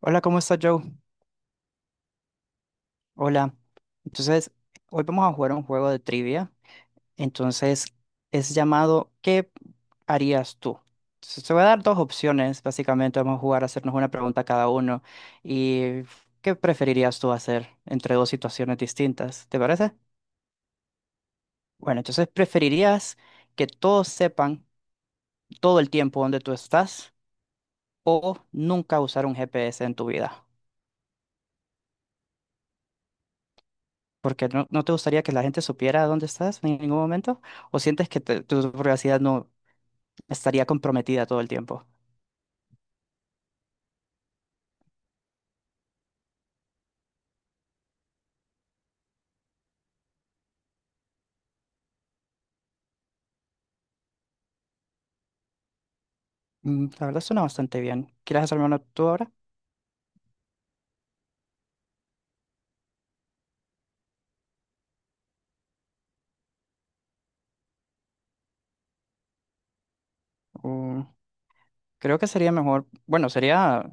Hola, ¿cómo estás, Joe? Hola. Entonces, hoy vamos a jugar un juego de trivia. Entonces, es llamado ¿Qué harías tú? Entonces, te voy a dar dos opciones, básicamente. Vamos a jugar a hacernos una pregunta cada uno. ¿Y qué preferirías tú hacer entre dos situaciones distintas? ¿Te parece? Bueno, entonces, ¿preferirías que todos sepan todo el tiempo dónde tú estás o nunca usar un GPS en tu vida? Porque no, no te gustaría que la gente supiera dónde estás en ningún momento, o sientes que tu privacidad no estaría comprometida todo el tiempo. La verdad suena bastante bien. ¿Quieres hacerme una tú ahora? O- Creo que sería mejor, bueno, sería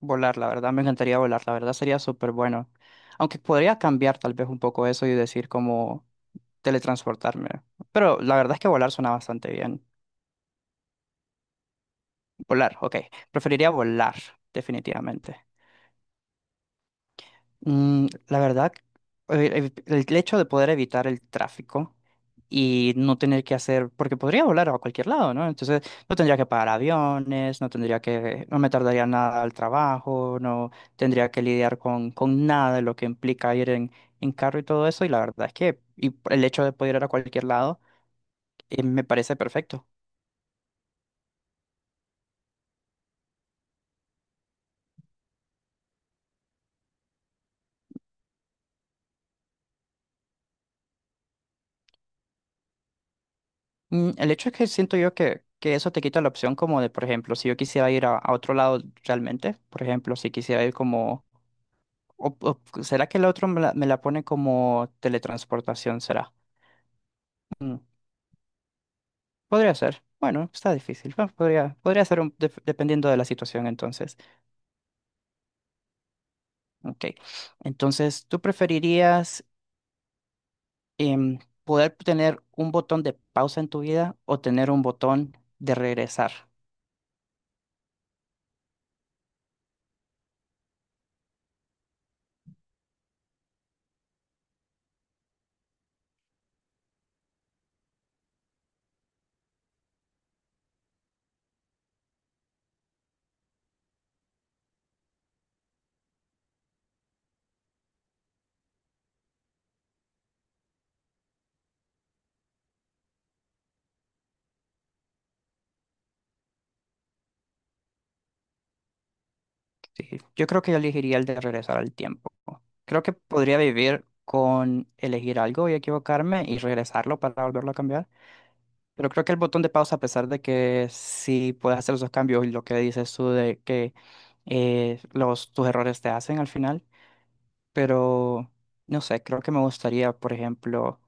volar, la verdad, me encantaría volar, la verdad sería súper bueno. Aunque podría cambiar tal vez un poco eso y decir como teletransportarme. Pero la verdad es que volar suena bastante bien. Volar, ok. Preferiría volar, definitivamente. La verdad, el hecho de poder evitar el tráfico y no tener que hacer, porque podría volar a cualquier lado, ¿no? Entonces no tendría que pagar aviones, no tendría que, no me tardaría nada al trabajo, no tendría que lidiar con nada de lo que implica ir en carro y todo eso. Y la verdad es que y el hecho de poder ir a cualquier lado, me parece perfecto. El hecho es que siento yo que eso te quita la opción como de, por ejemplo, si yo quisiera ir a otro lado realmente, por ejemplo, si quisiera ir como, ¿será que el otro me la pone como teletransportación? ¿Será? Mm, podría ser. Bueno, está difícil. Bueno, podría, podría ser dependiendo de la situación entonces. Ok. Entonces, ¿tú preferirías poder tener un botón de pausa en tu vida o tener un botón de regresar? Sí, yo creo que yo elegiría el de regresar al tiempo. Creo que podría vivir con elegir algo y equivocarme y regresarlo para volverlo a cambiar. Pero creo que el botón de pausa, a pesar de que sí puedes hacer esos cambios y lo que dices tú de que los, tus errores te hacen al final, pero no sé, creo que me gustaría, por ejemplo,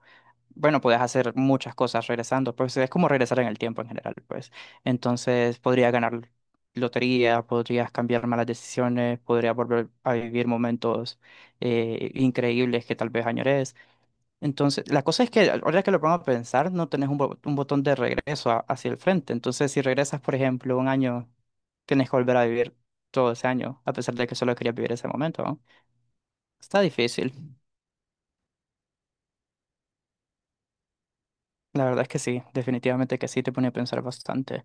bueno, puedes hacer muchas cosas regresando, pues es como regresar en el tiempo en general, pues. Entonces, podrías ganar lotería, podrías cambiar malas decisiones, podrías volver a vivir momentos increíbles que tal vez añores. Entonces, la cosa es que ahora que lo pongo a pensar, no tenés un, un botón de regreso hacia el frente. Entonces, si regresas, por ejemplo, un año, tienes que volver a vivir todo ese año, a pesar de que solo querías vivir ese momento, ¿no? Está difícil. La verdad es que sí, definitivamente que sí, te pone a pensar bastante.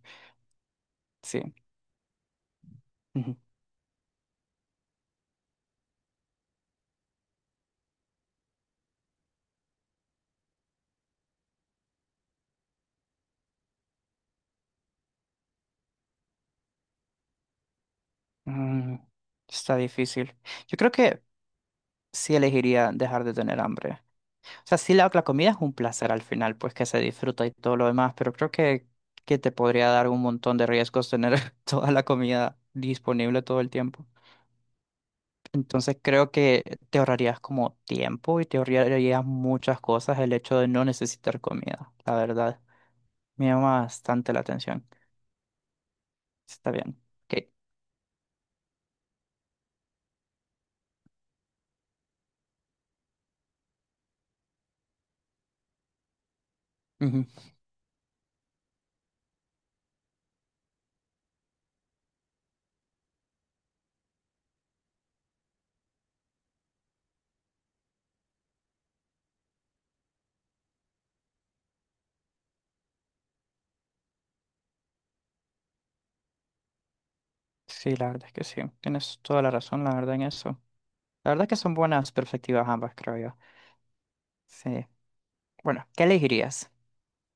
Sí. Ujú. Mm, está difícil. Yo creo que sí elegiría dejar de tener hambre. O sea, sí, la comida es un placer al final, pues que se disfruta y todo lo demás, pero creo que te podría dar un montón de riesgos tener toda la comida disponible todo el tiempo. Entonces creo que te ahorrarías como tiempo y te ahorrarías muchas cosas el hecho de no necesitar comida, la verdad. Me llama bastante la atención. Está bien. Ok. Ujú. Sí, la verdad es que sí. Tienes toda la razón, la verdad, en eso. La verdad que son buenas perspectivas ambas, creo yo. Sí. Bueno, ¿qué elegirías?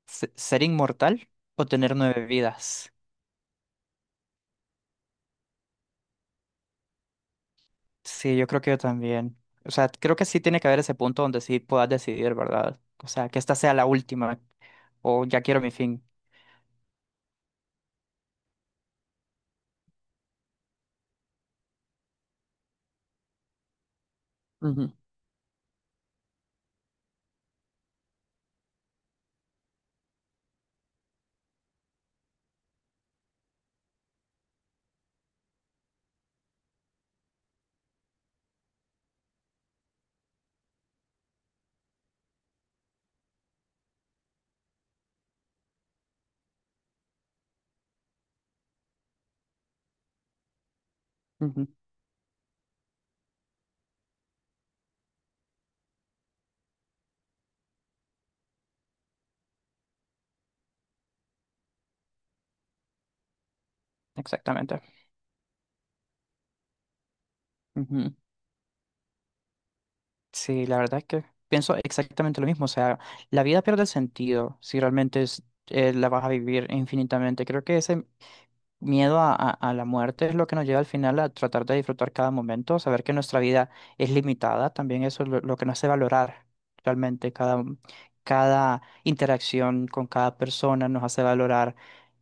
¿Ser inmortal o tener 9 vidas? Sí, yo creo que yo también. O sea, creo que sí tiene que haber ese punto donde sí puedas decidir, ¿verdad? O sea, que esta sea la última o ya quiero mi fin. Ujú, ujú. Exactamente. Ujú. Sí, la verdad es que pienso exactamente lo mismo. O sea, la vida pierde sentido si realmente es, la vas a vivir infinitamente. Creo que ese miedo a, a la muerte es lo que nos lleva al final a tratar de disfrutar cada momento, saber que nuestra vida es limitada, también eso es lo que nos hace valorar realmente cada, cada interacción con cada persona, nos hace valorar,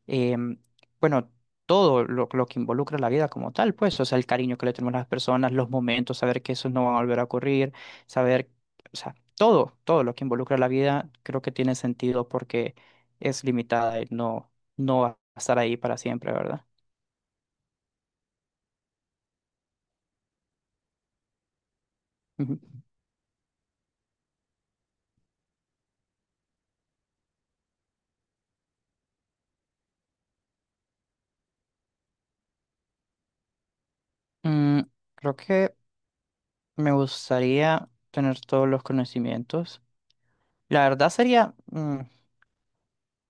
em, bueno, todo lo que involucra la vida como tal, pues, o sea, el cariño que le tenemos a las personas, los momentos, saber que eso no va a volver a ocurrir, saber, o sea, todo, todo lo que involucra la vida creo que tiene sentido porque es limitada y no no va a estar ahí para siempre, ¿verdad? Ujú. Mm, creo que me gustaría tener todos los conocimientos. La verdad sería,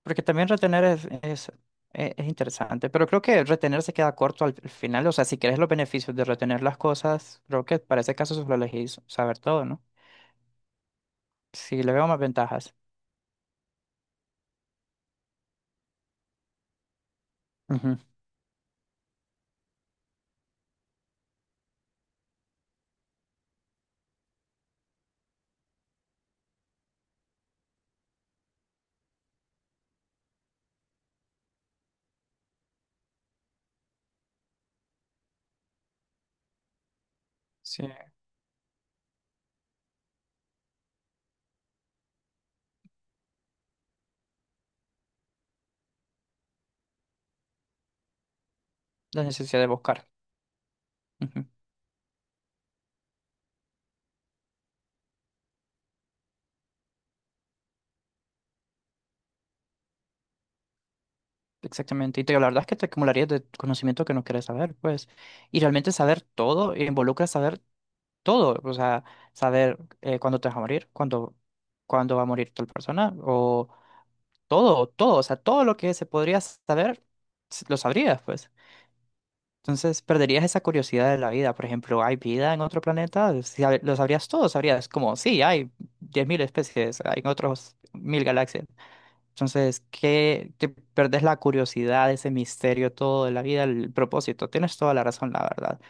porque también retener es, es interesante, pero creo que retener se queda corto al, al final. O sea, si quieres los beneficios de retener las cosas, creo que para ese caso solo elegís saber todo, ¿no? Sí, le veo más ventajas. Ujú. Sí, la necesidad de buscar. Ujú. Exactamente. Y te digo, la verdad es que te acumularías de conocimiento que no quieres saber, pues. Y realmente saber todo involucra saber todo, o sea, saber cuándo te vas a morir, cuándo, cuándo va a morir tal persona, o todo, todo, o sea, todo lo que se podría saber, lo sabrías, pues. Entonces, perderías esa curiosidad de la vida. Por ejemplo, ¿hay vida en otro planeta? Si lo sabrías todo, sabrías como, sí, hay 10 mil especies, hay en otros 1000 galaxias. Entonces, qué, te perdés la curiosidad, ese misterio todo de la vida, el propósito. Tienes toda la razón, la verdad.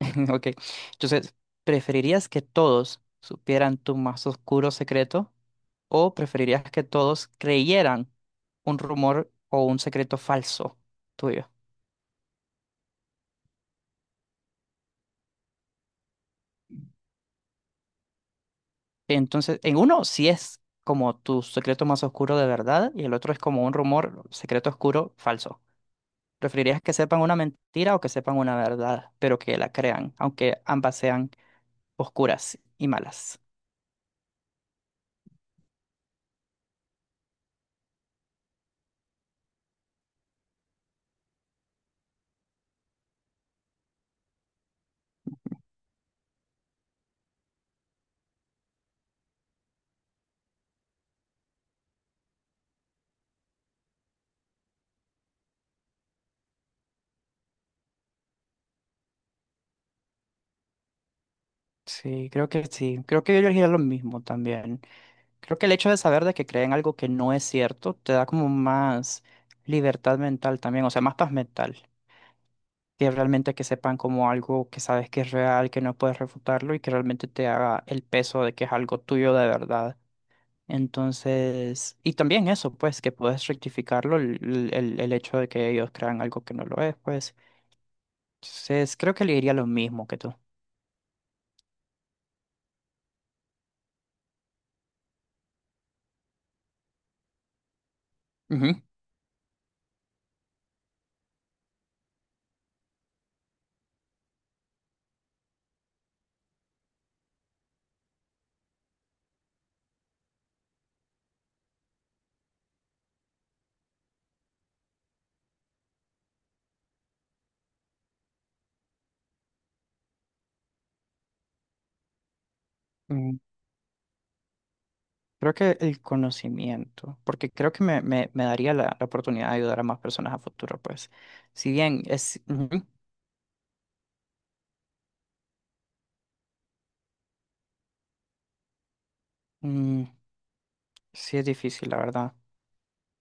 Ok. Entonces, ¿preferirías que todos supieran tu más oscuro secreto o preferirías que todos creyeran un rumor o un secreto falso tuyo? Entonces, en uno sí es como tu secreto más oscuro de verdad y el otro es como un rumor, secreto oscuro, falso. ¿Preferirías que sepan una mentira o que sepan una verdad, pero que la crean, aunque ambas sean oscuras y malas? Sí. Creo que yo elegiría lo mismo también. Creo que el hecho de saber de que creen algo que no es cierto te da como más libertad mental también, o sea, más paz mental, que realmente que sepan como algo que sabes que es real, que no puedes refutarlo y que realmente te haga el peso de que es algo tuyo de verdad. Entonces, y también eso, pues, que puedes rectificarlo, el, el hecho de que ellos crean algo que no lo es pues entonces creo que le diría lo mismo que tú. Ujú. Creo que el conocimiento, porque creo que me daría la, la oportunidad de ayudar a más personas a futuro, pues. Si bien es, ujú, mm, sí es difícil, la verdad.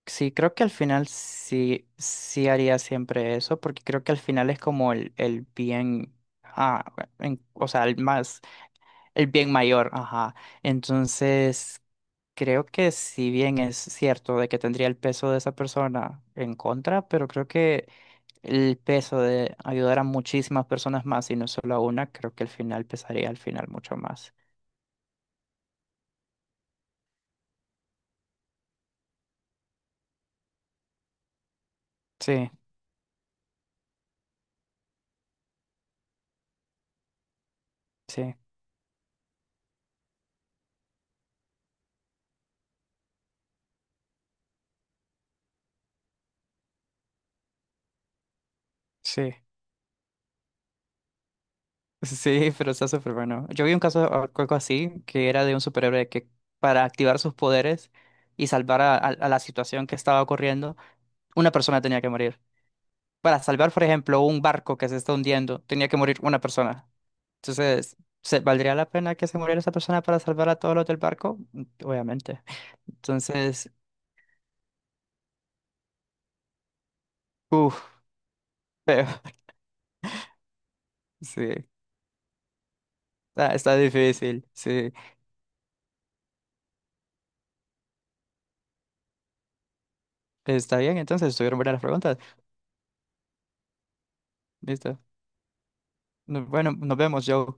Sí, creo que al final sí, sí haría siempre eso, porque creo que al final es como el bien, ah, o sea, el más, el bien mayor, ajá. Entonces, creo que si bien es cierto de que tendría el peso de esa persona en contra, pero creo que el peso de ayudar a muchísimas personas más y no solo a una, creo que al final pesaría al final mucho más. Sí, sí, sí. Sí, pero está súper bueno. Yo vi un caso, algo así, que era de un superhéroe que para activar sus poderes y salvar a, a la situación que estaba ocurriendo, una persona tenía que morir. Para salvar, por ejemplo, un barco que se está hundiendo, tenía que morir una persona. Entonces, ¿se, valdría la pena que se muriera esa persona para salvar a todos los del barco? Obviamente. Entonces, uff. Sí, está, está difícil, sí. Está bien, entonces estuvieron buenas las preguntas. Listo. No- Bueno, nos vemos, Joe.